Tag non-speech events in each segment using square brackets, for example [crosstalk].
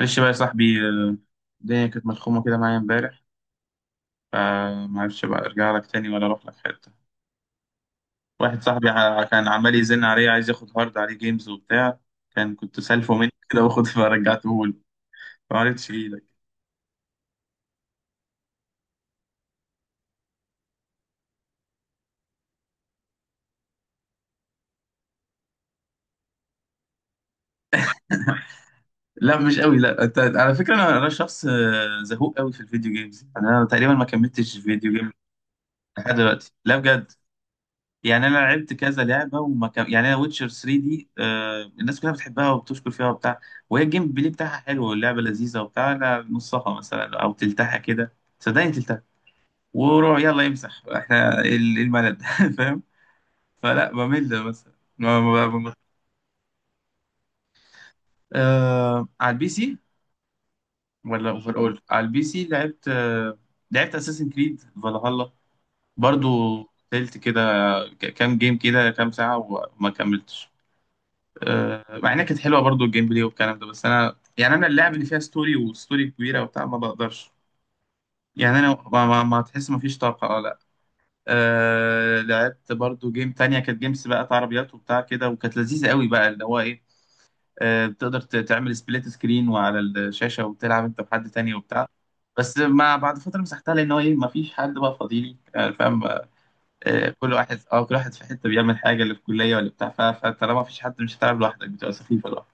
معلش بقى يا صاحبي، الدنيا كانت ملخومة كده معايا امبارح، فمعرفش بقى ارجع لك تاني ولا اروح لك حتة. واحد صاحبي كان عمال يزن عليا، عايز ياخد هارد عليه جيمز وبتاع، كنت سالفه مني كده واخد فرجعته له. ما عرفتش ايدك. لا مش قوي، لا أنت- على فكرة انا شخص زهوق قوي في الفيديو جيمز. انا تقريبا ما كملتش فيديو جيم لحد دلوقتي، لا بجد. يعني انا لعبت كذا لعبه، وما كان يعني انا ويتشر 3 دي الناس كلها بتحبها وبتشكر فيها وبتاع، وهي الجيم بلاي بتاعها حلو واللعبه لذيذه وبتاع، انا نصها مثلا او تلتها كده، صدقني تلتها وروح، يلا يمسح احنا الملل [laughs] فاهم. فلا بمل مثلا على البي سي، ولا اوفر اول على البي سي لعبت. لعبت اساسن كريد فالهالا برضو، قلت كده كام جيم كده، كام ساعه وما كملتش. مع انها كانت حلوه برضو، الجيم بلاي والكلام ده، بس انا يعني اللعب اللي فيها ستوري، وستوري كبيره وبتاع ما بقدرش. يعني انا ما تحس ما فيش طاقه، لا. لعبت برضو جيم تانية، كانت جيمس بقى بتاع عربيات وبتاع كده، وكانت لذيذه قوي بقى، اللي هو ايه، بتقدر تعمل سبليت سكرين وعلى الشاشه، وتلعب انت بحد تاني وبتاع. بس ما بعد فتره مسحتها، لان هو ايه، ما فيش حد بقى فاضيلي، فاهم. كل واحد كل واحد في حته بيعمل حاجه، اللي في الكليه ولا بتاع، فطالما ما فيش حد، مش هتلعب لوحدك، بتبقى سخيفه لوحدك.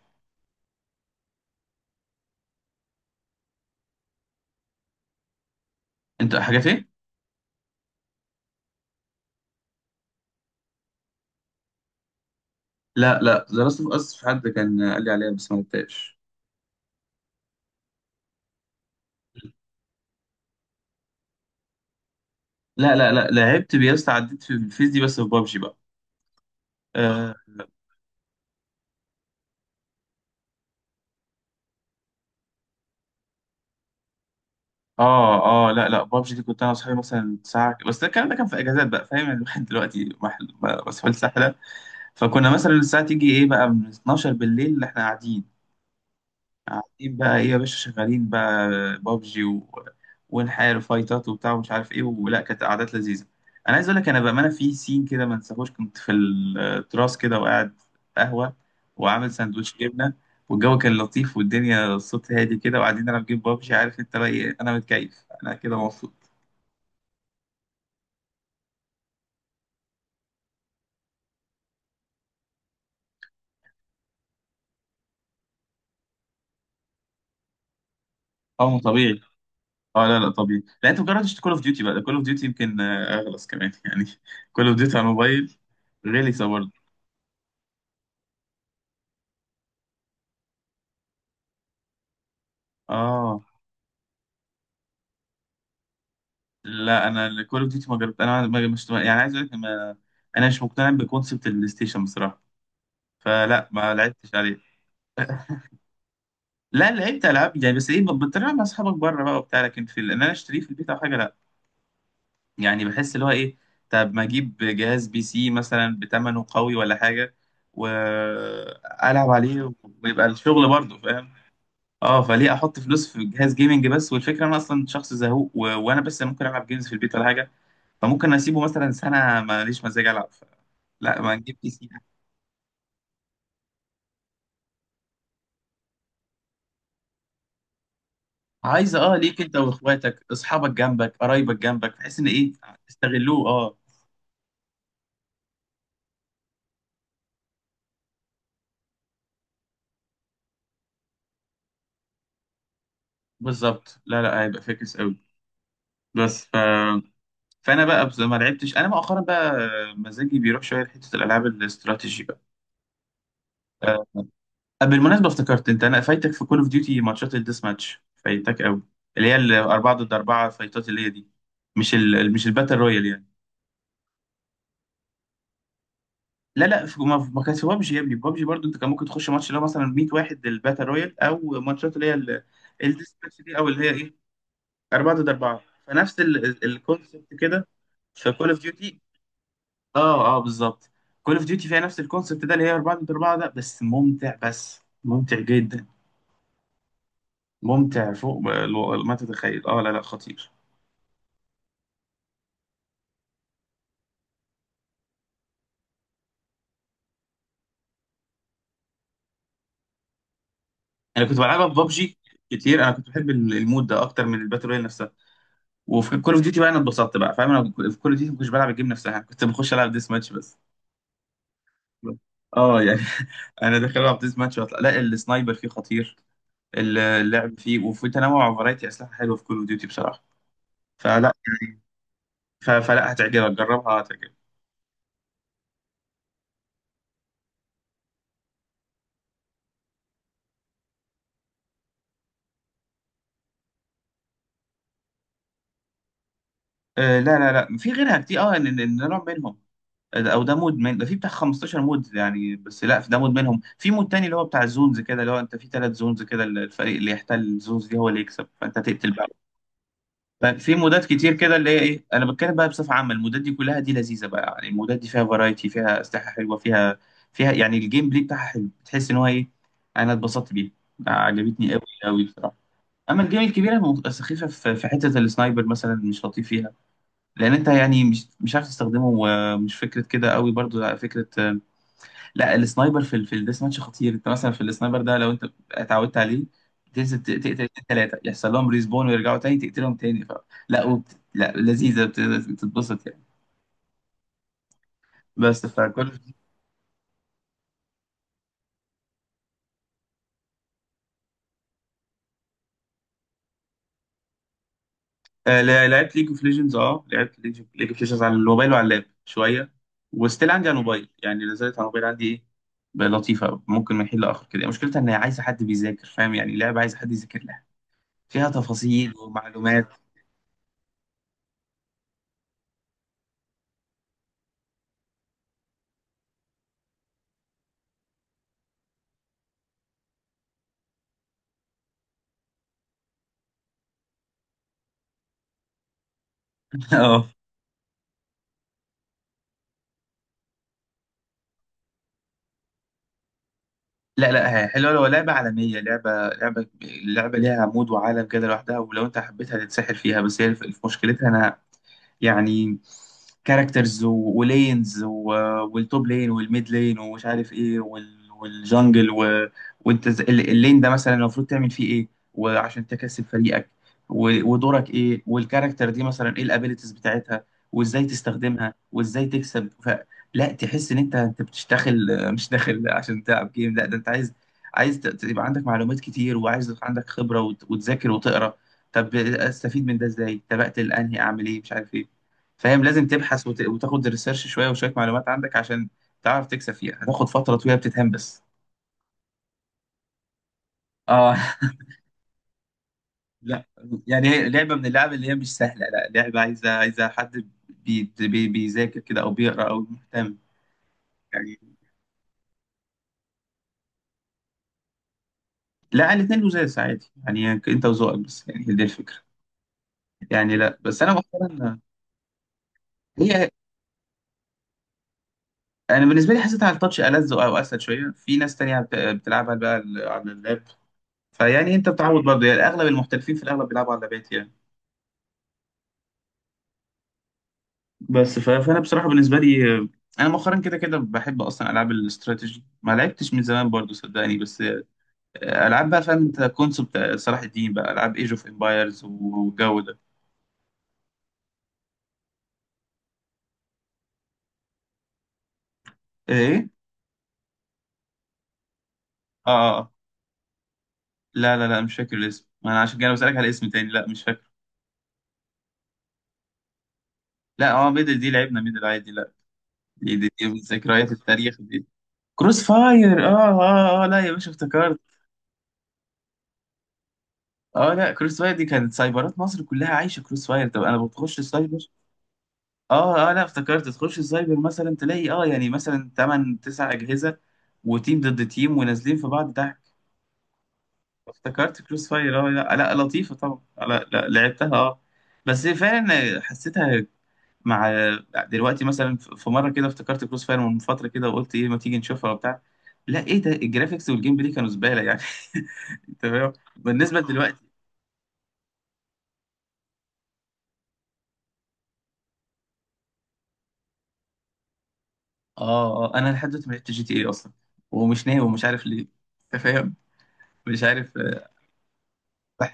انت حاجات ايه؟ لا لا، ذا لاست اوف اس في حد كان قال لي عليها، بس ما لعبتهاش. لا لا لا، لعبت بيست عديت في الفيز دي، بس في بابجي بقى. اه اه. لا لا، بابجي دي كنت انا واصحابي مثلا ساعه، بس ده الكلام ده كان في اجازات بقى، فاهم، يعني الواحد دلوقتي مسحول سحله. فكنا مثلا الساعه تيجي ايه بقى، من 12 بالليل احنا قاعدين، قاعدين بقى ايه يا باشا، شغالين بقى بابجي و... ونحارب فايتات وبتاع ومش عارف ايه، ولا كانت قعدات لذيذه. انا عايز اقول لك، انا بامانه في سين كده ما انساهوش، كنت في التراس كده وقاعد قهوه، وعامل سندوتش جبنه، والجو كان لطيف، والدنيا الصوت هادي كده، وقاعدين نلعب جيم بابجي، عارف انت بقى ايه، انا متكيف، انا كده مبسوط. اه طبيعي. اه لا لا طبيعي، لا انت مجربتش كول اوف ديوتي بقى، كول اوف ديوتي يمكن اغلص كمان [laughs] يعني. كول اوف ديوتي على الموبايل غلسه برضه. اه لا، انا كول اوف ديوتي ما جربت، انا ما مش يعني، عايز اقول لك، ما انا مش مقتنع بكونسبت البلاي ستيشن بصراحه، فلا ما لعبتش عليه. لا لعبت العاب يعني، بس ايه، بتلعب مع اصحابك بره بقى وبتاع، لكن في ان انا اشتريه في البيت او حاجه، لا. يعني بحس اللي هو ايه، طب ما اجيب جهاز بي سي مثلا بتمنه قوي ولا حاجه، والعب عليه، ويبقى الشغل برضه، فاهم. اه، فليه احط فلوس في جهاز جيمنج بس؟ والفكره انا اصلا شخص زهوق، و... وانا بس ممكن العب جيمز في البيت ولا حاجه، فممكن اسيبه مثلا سنه ماليش مزاج العب، لا ما نجيب بي سي. عايز ليك انت، واخواتك، اصحابك جنبك، قرايبك جنبك، تحس ان ايه، استغلوه، اه. بالظبط، لا لا، هيبقى فاكس قوي. بس ف... فانا بقى بس ما لعبتش انا مؤخرا بقى، مزاجي بيروح شويه لحته الالعاب الاستراتيجي بقى. آه، بالمناسبه افتكرت، انت انا فايتك في كول اوف ديوتي، ماتشات الديس ماتش فايتك قوي، اللي هي 4 ضد 4، فايتات اللي هي دي، مش الباتل رويال يعني. لا لا، في ما كانش بابجي، يا ابني بابجي برضو انت، كان ممكن تخش ماتش اللي هو مثلا 100 واحد الباتل رويال، او ماتشات اللي هي الديسباتش دي، او اللي هي ايه، 4 ضد 4، فنفس الكونسبت كده في كول اوف ديوتي. اه اه بالظبط، كول اوف ديوتي فيها نفس الكونسبت ده، اللي هي 4 ضد 4 ده، بس ممتع، بس ممتع جدا، ممتع فوق ما تتخيل، اه لا لا خطير. انا كنت بلعبها في بابجي كتير، انا كنت بحب المود ده اكتر من الباتل رويال نفسها. وفي كول اوف ديوتي بقى انا اتبسطت بقى، فاهم انا. في كول اوف ديوتي ما كنتش بلعب الجيم نفسها، كنت بخش العب ديس ماتش بس. اه يعني [laughs] انا داخل العب ديس ماتش واطلع، لا السنايبر فيه خطير، اللعب فيه، وفي تنوع وفرايتي اسلحه حلوه في كول اوف ديوتي بصراحه. فلا يعني، فلا هتعجبك، جربها هتعجبك. آه لا لا لا، في غيرها كتير، إن ده نوع منهم، او ده مود من ده، في بتاع 15 مود يعني، بس لا في ده مود منهم، في مود تاني اللي هو بتاع الزونز كده، اللي هو انت في 3 زونز كده، الفريق اللي يحتل الزونز دي هو اللي يكسب، فانت تقتل. ففي مودات كتير كده، اللي هي ايه، انا بتكلم بقى بصفه عامه، المودات دي كلها دي لذيذه بقى، يعني المودات دي فيها فرايتي، فيها اسلحه حلوه، فيها يعني الجيم بلاي بتاعها حلو، بتحس ان هو ايه، انا اتبسطت بيها، عجبتني قوي قوي بصراحه. اما الجيم الكبيره سخيفه، في حته السنايبر مثلا مش لطيف فيها، لان انت يعني مش عارف تستخدمه، ومش فكره كده قوي، برضو فكره. لا السنايبر في الديس ماتش خطير، انت مثلا في السنايبر ده، لو انت اتعودت عليه، تنزل تقتل 3، يحصل لهم ريسبون ويرجعوا تاني، تقتلهم تاني، لا لا لذيذه بتتبسط يعني. بس فكل. لعبت ليج اوف ليجندز. اه لعبت ليج اوف ليجندز على الموبايل وعلى اللاب شويه، وستيل عندي على الموبايل، يعني نزلت على الموبايل عندي ايه بقى، لطيفه، ممكن من حين لاخر كده. مشكلتها ان هي عايزه حد بيذاكر، فاهم يعني، لعبه عايزه حد يذاكر لها، فيها تفاصيل ومعلومات. [laughs] اه لا لا، هي حلوة، لو لعبة عالمية، لعبة ليها عمود وعالم كده لوحدها، ولو انت حبيتها تتسحل فيها، بس هي مشكلتها انا يعني، كاركترز ولينز، والتوب لين والميد لين ومش عارف ايه، والجنجل، وانت اللين ده مثلا المفروض تعمل فيه ايه، وعشان تكسب فريقك، و... ودورك ايه، والكاركتر دي مثلا ايه الابيليتيز بتاعتها، وازاي تستخدمها، وازاي تكسب، لا تحس ان انت بتشتغل، مش داخل عشان تلعب جيم، لا ده انت يبقى عندك معلومات كتير، وعايز يبقى عندك خبرة، وتذاكر وتقرا، طب استفيد من ده ازاي؟ طب اقتل انهي؟ اعمل ايه؟ مش عارف ايه. فاهم، لازم تبحث وتاخد ريسيرش شويه، وشويه معلومات عندك، عشان تعرف تكسب فيها، هتاخد فتره طويله بتتهان بس، اه [laughs] لا يعني هي لعبه من اللعب اللي هي مش سهله، لا لعبه عايزه، حد بيذاكر كده، او بيقرا او مهتم يعني. لا الاثنين لزاز عادي، يعني انت وذوقك بس، يعني هي دي الفكره. يعني لا بس انا مؤخرا، هي انا بالنسبه لي حسيتها على التاتش ألذ، او اسهل شويه، في ناس تانية بتلعبها بقى على اللاب، فيعني انت بتعود برضه يعني، اغلب المحترفين في الاغلب بيلعبوا على اللابات يعني. بس فانا بصراحه بالنسبه لي، انا مؤخرا كده كده بحب اصلا العاب الاستراتيجي. ما لعبتش من زمان برضو صدقني، بس العاب بقى، فاهم انت، كونسبت صلاح الدين بقى، العاب ايج اوف امبايرز والجو ده. ايه؟ اه. لا لا لا مش فاكر الاسم، ما انا عشان كده بسالك على اسم تاني، لا مش فاكر. لا ميدل دي لعبنا، ميدل عادي لا. دي من ذكريات التاريخ دي، كروس فاير، لا يا باشا افتكرت. اه لا كروس فاير دي، كانت سايبرات مصر كلها عايشه كروس فاير، طب انا بتخش السايبر. اه اه، لا افتكرت، تخش السايبر مثلا تلاقي يعني مثلا 8 9 اجهزه، وتيم ضد تيم ونازلين في بعض ضحك. افتكرت كروس فاير، اه لا لا لطيفه طبعا، لا لا لعبتها اه. بس فعلا حسيتها مع، دلوقتي مثلا في مره كده افتكرت كروس فاير من فتره كده، وقلت ايه ما تيجي نشوفها وبتاع، لا ايه ده، الجرافيكس والجيم بلاي كانوا زباله يعني [laughs] تمام بالنسبه دلوقتي. اه اه، انا لحد دلوقتي ما لعبتش جي تي اي اصلا، ومش ناوي، ومش عارف ليه، انت فاهم، مش عارف.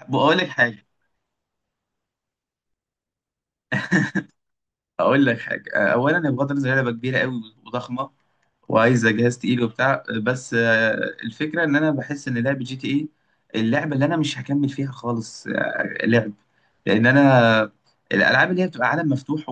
بقول لك حاجه اقول لك حاجه، اولا هي بغض النظر لعبه كبيره قوي وضخمه، وعايزه جهاز تقيل وبتاع، بس الفكره ان انا بحس ان لعبه جي تي اي اللعبه اللي انا مش هكمل فيها خالص، لعب، لان انا الالعاب اللي هي بتبقى عالم مفتوح.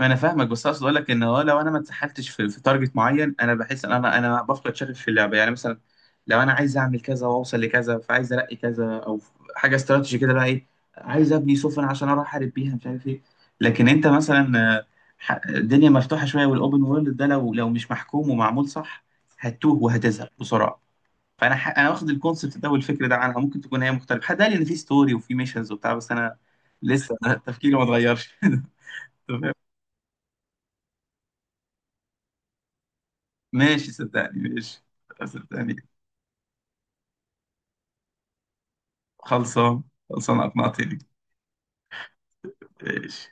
انا فاهمك، بس اقصد اقول لك ان هو، لو انا ما اتسحلتش في تارجت معين، انا بحس ان انا بفقد شغف في اللعبه، يعني مثلا لو انا عايز اعمل كذا واوصل لكذا، فعايز الاقي كذا، او حاجه استراتيجي كده بقى ايه، عايز ابني سفن عشان اروح احارب بيها مش عارف ايه، لكن انت مثلا آه، الدنيا مفتوحه شويه، والاوبن وورلد ده لو مش محكوم ومعمول صح، هتتوه وهتزهق بسرعه. فانا انا واخد الكونسبت ده والفكر ده عنها، ممكن تكون هي مختلفه، حد قال لي ان في ستوري وفي ميشنز وبتاع، بس انا لسه [laughs] تفكيري ما اتغيرش [laughs] ماشي صدقني ماشي، صدقني خلصان، خلصان اقنعتني. ماشي.